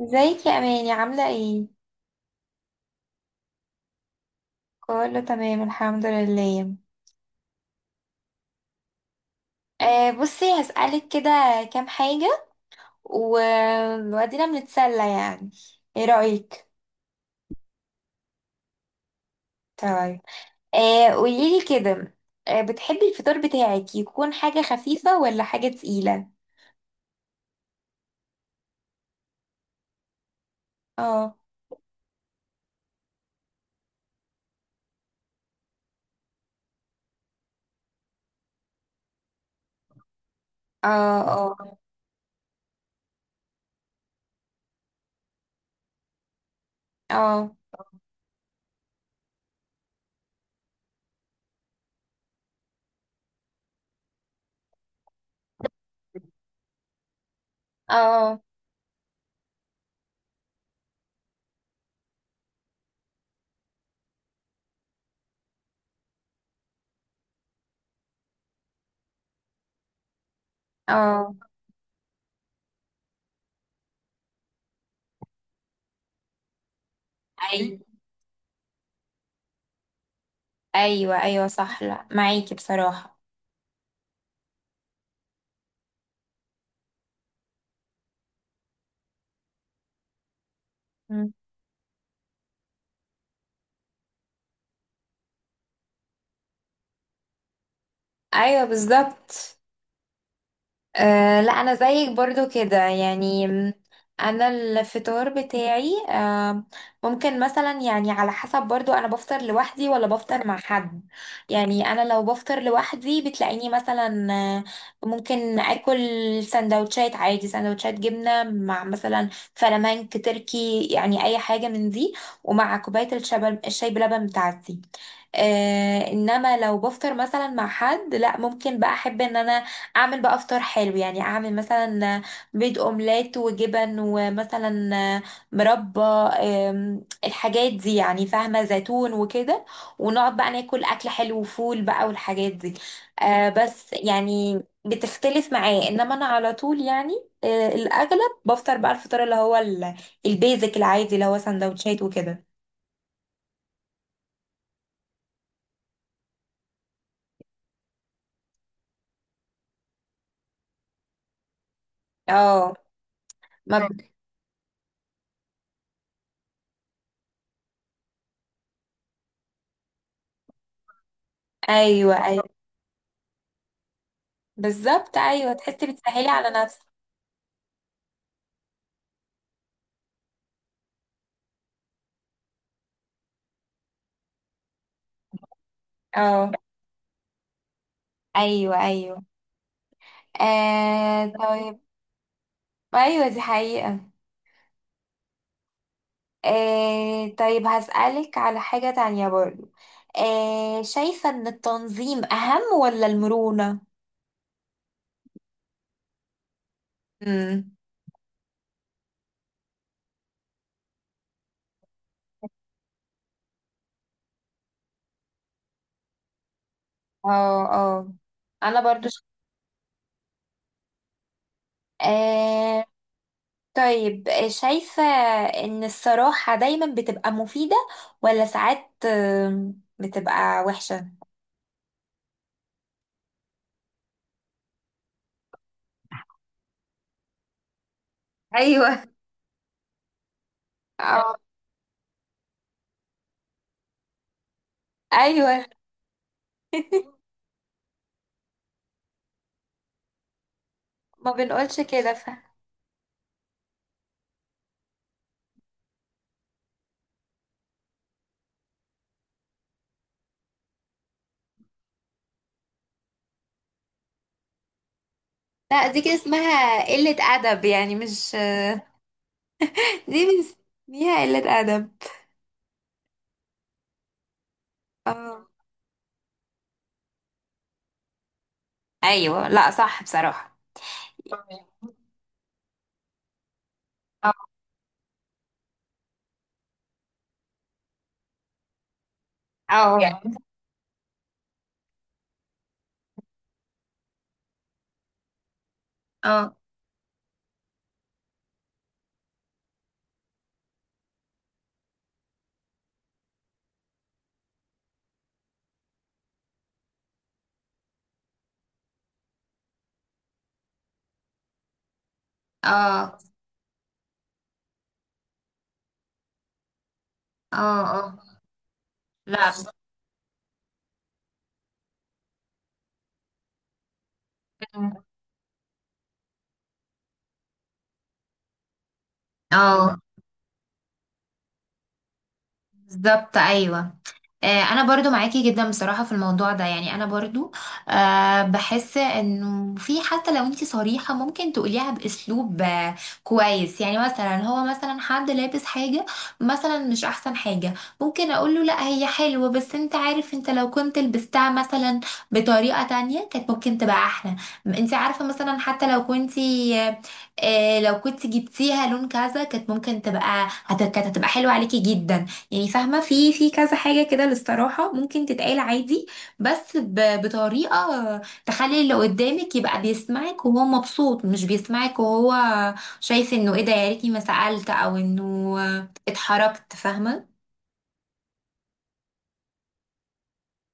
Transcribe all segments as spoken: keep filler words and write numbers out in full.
ازيك يا اماني؟ عامله ايه؟ كله تمام، الحمد لله. آه بصي هسألك كده. كام حاجه و... وادينا بنتسلى يعني. ايه رأيك؟ طيب. آه قوليلي كده. آه بتحبي الفطار بتاعك يكون حاجه خفيفه ولا حاجه تقيله؟ اه. اه. اه. اه. اه. اه. ايوه، ايوه، ايوه، صح، لا معاكي بصراحه. مم. ايوه، بالظبط. أه، لا انا زيك برضو كده يعني م، انا الفطار بتاعي أه ممكن مثلا يعني، على حسب برضو، انا بفطر لوحدي ولا بفطر مع حد. يعني انا لو بفطر لوحدي بتلاقيني مثلا آه، ممكن اكل سندوتشات عادي، سندوتشات جبنة مع مثلا فلامنك تركي، يعني اي حاجة من دي، ومع كوباية الشاي الشاي بلبن بتاعتي. آه انما لو بفطر مثلا مع حد، لا ممكن بقى احب ان انا اعمل بقى فطار حلو، يعني اعمل مثلا بيض اومليت وجبن ومثلا مربى، آم، الحاجات دي، يعني فاهمة، زيتون وكده، ونقعد بقى ناكل اكل حلو وفول بقى والحاجات دي. آه بس يعني بتختلف معاه، انما انا على طول يعني آه الاغلب بفطر بقى الفطار اللي هو ال- البيزك العادي اللي هو سندوتشات وكده. اه. ما ب... ايوه، ايوه، بالظبط، ايوه تحسي بتسهلي على نفسك. اه. ايوه. ايوه. آه طيب. ايوه، دي حقيقة. آه طيب، هسألك على حاجة تانية برضو. آه شايفة ان التنظيم اهم ولا المرونة؟ امم. اه. اه. انا برضو ش- آه طيب. آه، شايفة ان الصراحة دايما بتبقى مفيدة، ولا ساعات آم، بتبقى وحشة؟ ايوه. اه. ايوه. ما بنقولش كده ف لا، دي كده اسمها قلة أدب يعني، مش. دي بنسميها قلة أدب. اه. أيوة، لا صح بصراحة. اه. اه. يعني. اه. اه. اه. اه. لا بصراحة. اه، بالظبط، ايوه. آه، انا برضو معاكي جدا بصراحة في الموضوع ده، يعني انا برضو آه، بحس انه في، حتى لو انتي صريحة ممكن تقوليها باسلوب آه، كويس، يعني مثلا هو مثلا حد لابس حاجة مثلا مش احسن حاجة، ممكن اقول له لا هي حلوة، بس انت عارف انت لو كنت لبستها مثلا بطريقة تانية كانت ممكن تبقى احلى. انت عارفة مثلا حتى لو كنتي آه، آه، لو كنت جبتيها لون كذا كانت ممكن تبقى هت- كانت هتبقى حلوة عليكي جدا، يعني فاهمة، في في كذا حاجة كده للصراحة ممكن تتقال عادي، بس ب- بطريقة تخلي اللي قدامك يبقى بيسمعك وهو مبسوط، مش بيسمعك وهو شايف انه ايه ده، يا ريتني ما سألت، او انه اتحركت، فاهمة.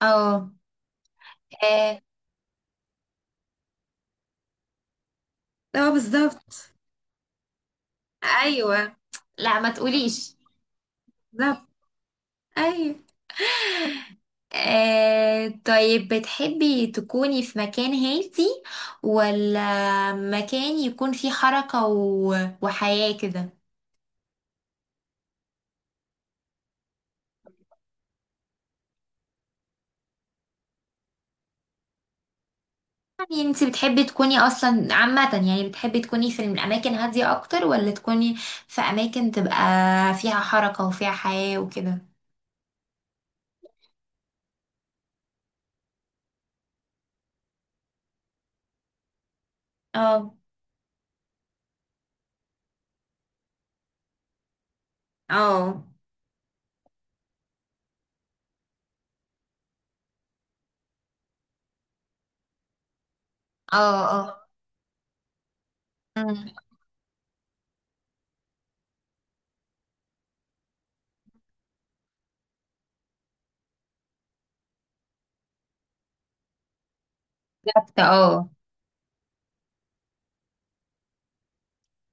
اه. اه. اه، بالظبط، ايوه. لا، ما تقوليش. بالظبط. ايوه. آه، طيب، بتحبي تكوني في مكان هادي، ولا مكان يكون فيه حركة و... وحياة كده؟ يعني انت بتحبي تكوني اصلا عامة، يعني بتحبي تكوني في الاماكن هادية اكتر، ولا تكوني في اماكن تبقى فيها حركة وفيها حياة وكده؟ اه. اه. اه. اه. مم. بالظبط، اه.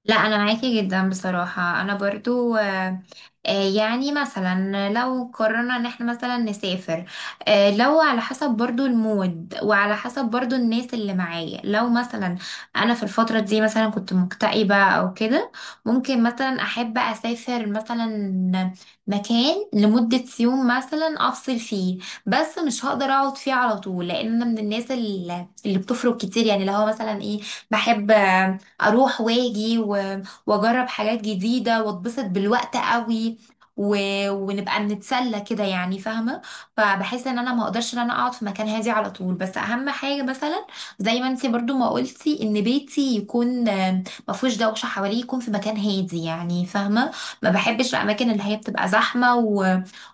لا، انا معاكي جدا بصراحة، انا برضو آه، آه، يعني مثلا لو قررنا ان احنا مثلا نسافر، آه، لو على حسب برضو المود وعلى حسب برضو الناس اللي معايا، لو مثلا انا في الفترة دي مثلا كنت مكتئبة او كده، ممكن مثلا احب اسافر مثلا مكان لمدة يوم مثلا افصل فيه، بس مش هقدر اقعد فيه على طول، لان انا من الناس اللي اللي بتفرق كتير، يعني لو هو مثلا ايه، بحب اروح واجي و- واجرب حاجات جديده واتبسط بالوقت قوي و... ونبقى بنتسلى كده يعني، فاهمه. فبحس ان انا ما اقدرش ان انا اقعد في مكان هادي على طول، بس اهم حاجه مثلا زي ما انتي برضو ما قلتي، ان بيتي يكون آم، ما فيهوش دوشه حواليه، يكون في مكان هادي، يعني فاهمه، ما بحبش الاماكن اللي هي بتبقى زحمه و...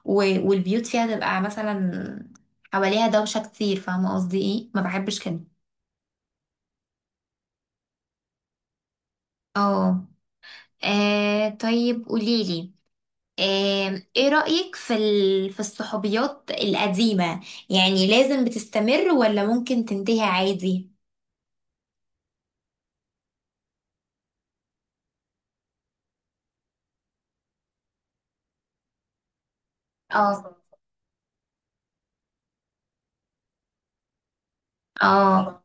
و... والبيوت فيها تبقى مثلا حواليها دوشه كتير، فاهمه قصدي ايه، ما بحبش كده. اه. آه، طيب قوليلي، آم، ايه رأيك في ال... في الصحوبيات القديمة؟ يعني لازم بتستمر ولا ممكن تنتهي عادي؟ اه. اه.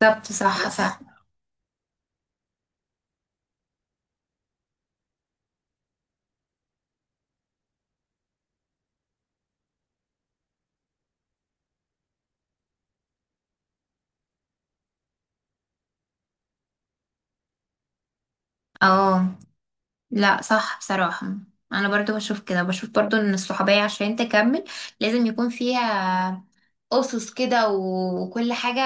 بالظبط، صح صح. اه. لا صح بصراحة. انا برضو بشوف كده بشوف برضو ان الصحوبية عشان تكمل لازم يكون فيها أسس كده وكل حاجة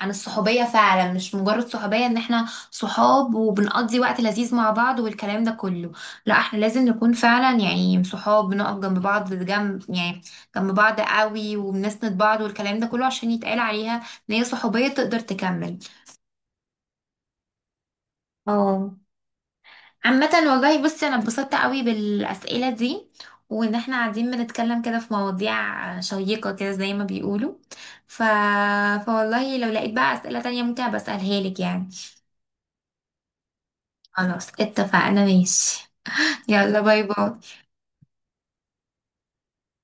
عن الصحوبية فعلا، مش مجرد صحوبية ان احنا صحاب وبنقضي وقت لذيذ مع بعض والكلام ده كله. لا، احنا لازم نكون فعلا يعني صحاب، بنقف جنب بعض، جنب يعني جنب بعض قوي، وبنسند بعض والكلام ده كله، عشان يتقال عليها ان هي صحوبية تقدر تكمل. اه. عامة والله، بصي، انا اتبسطت قوي بالاسئلة دي، وان احنا قاعدين بنتكلم كده في مواضيع شيقة كده زي ما بيقولوا، ف... فوالله لو لقيت بقى اسئلة تانية ممكن بسألها لك يعني. خلاص اتفقنا ماشي. يلا باي باي.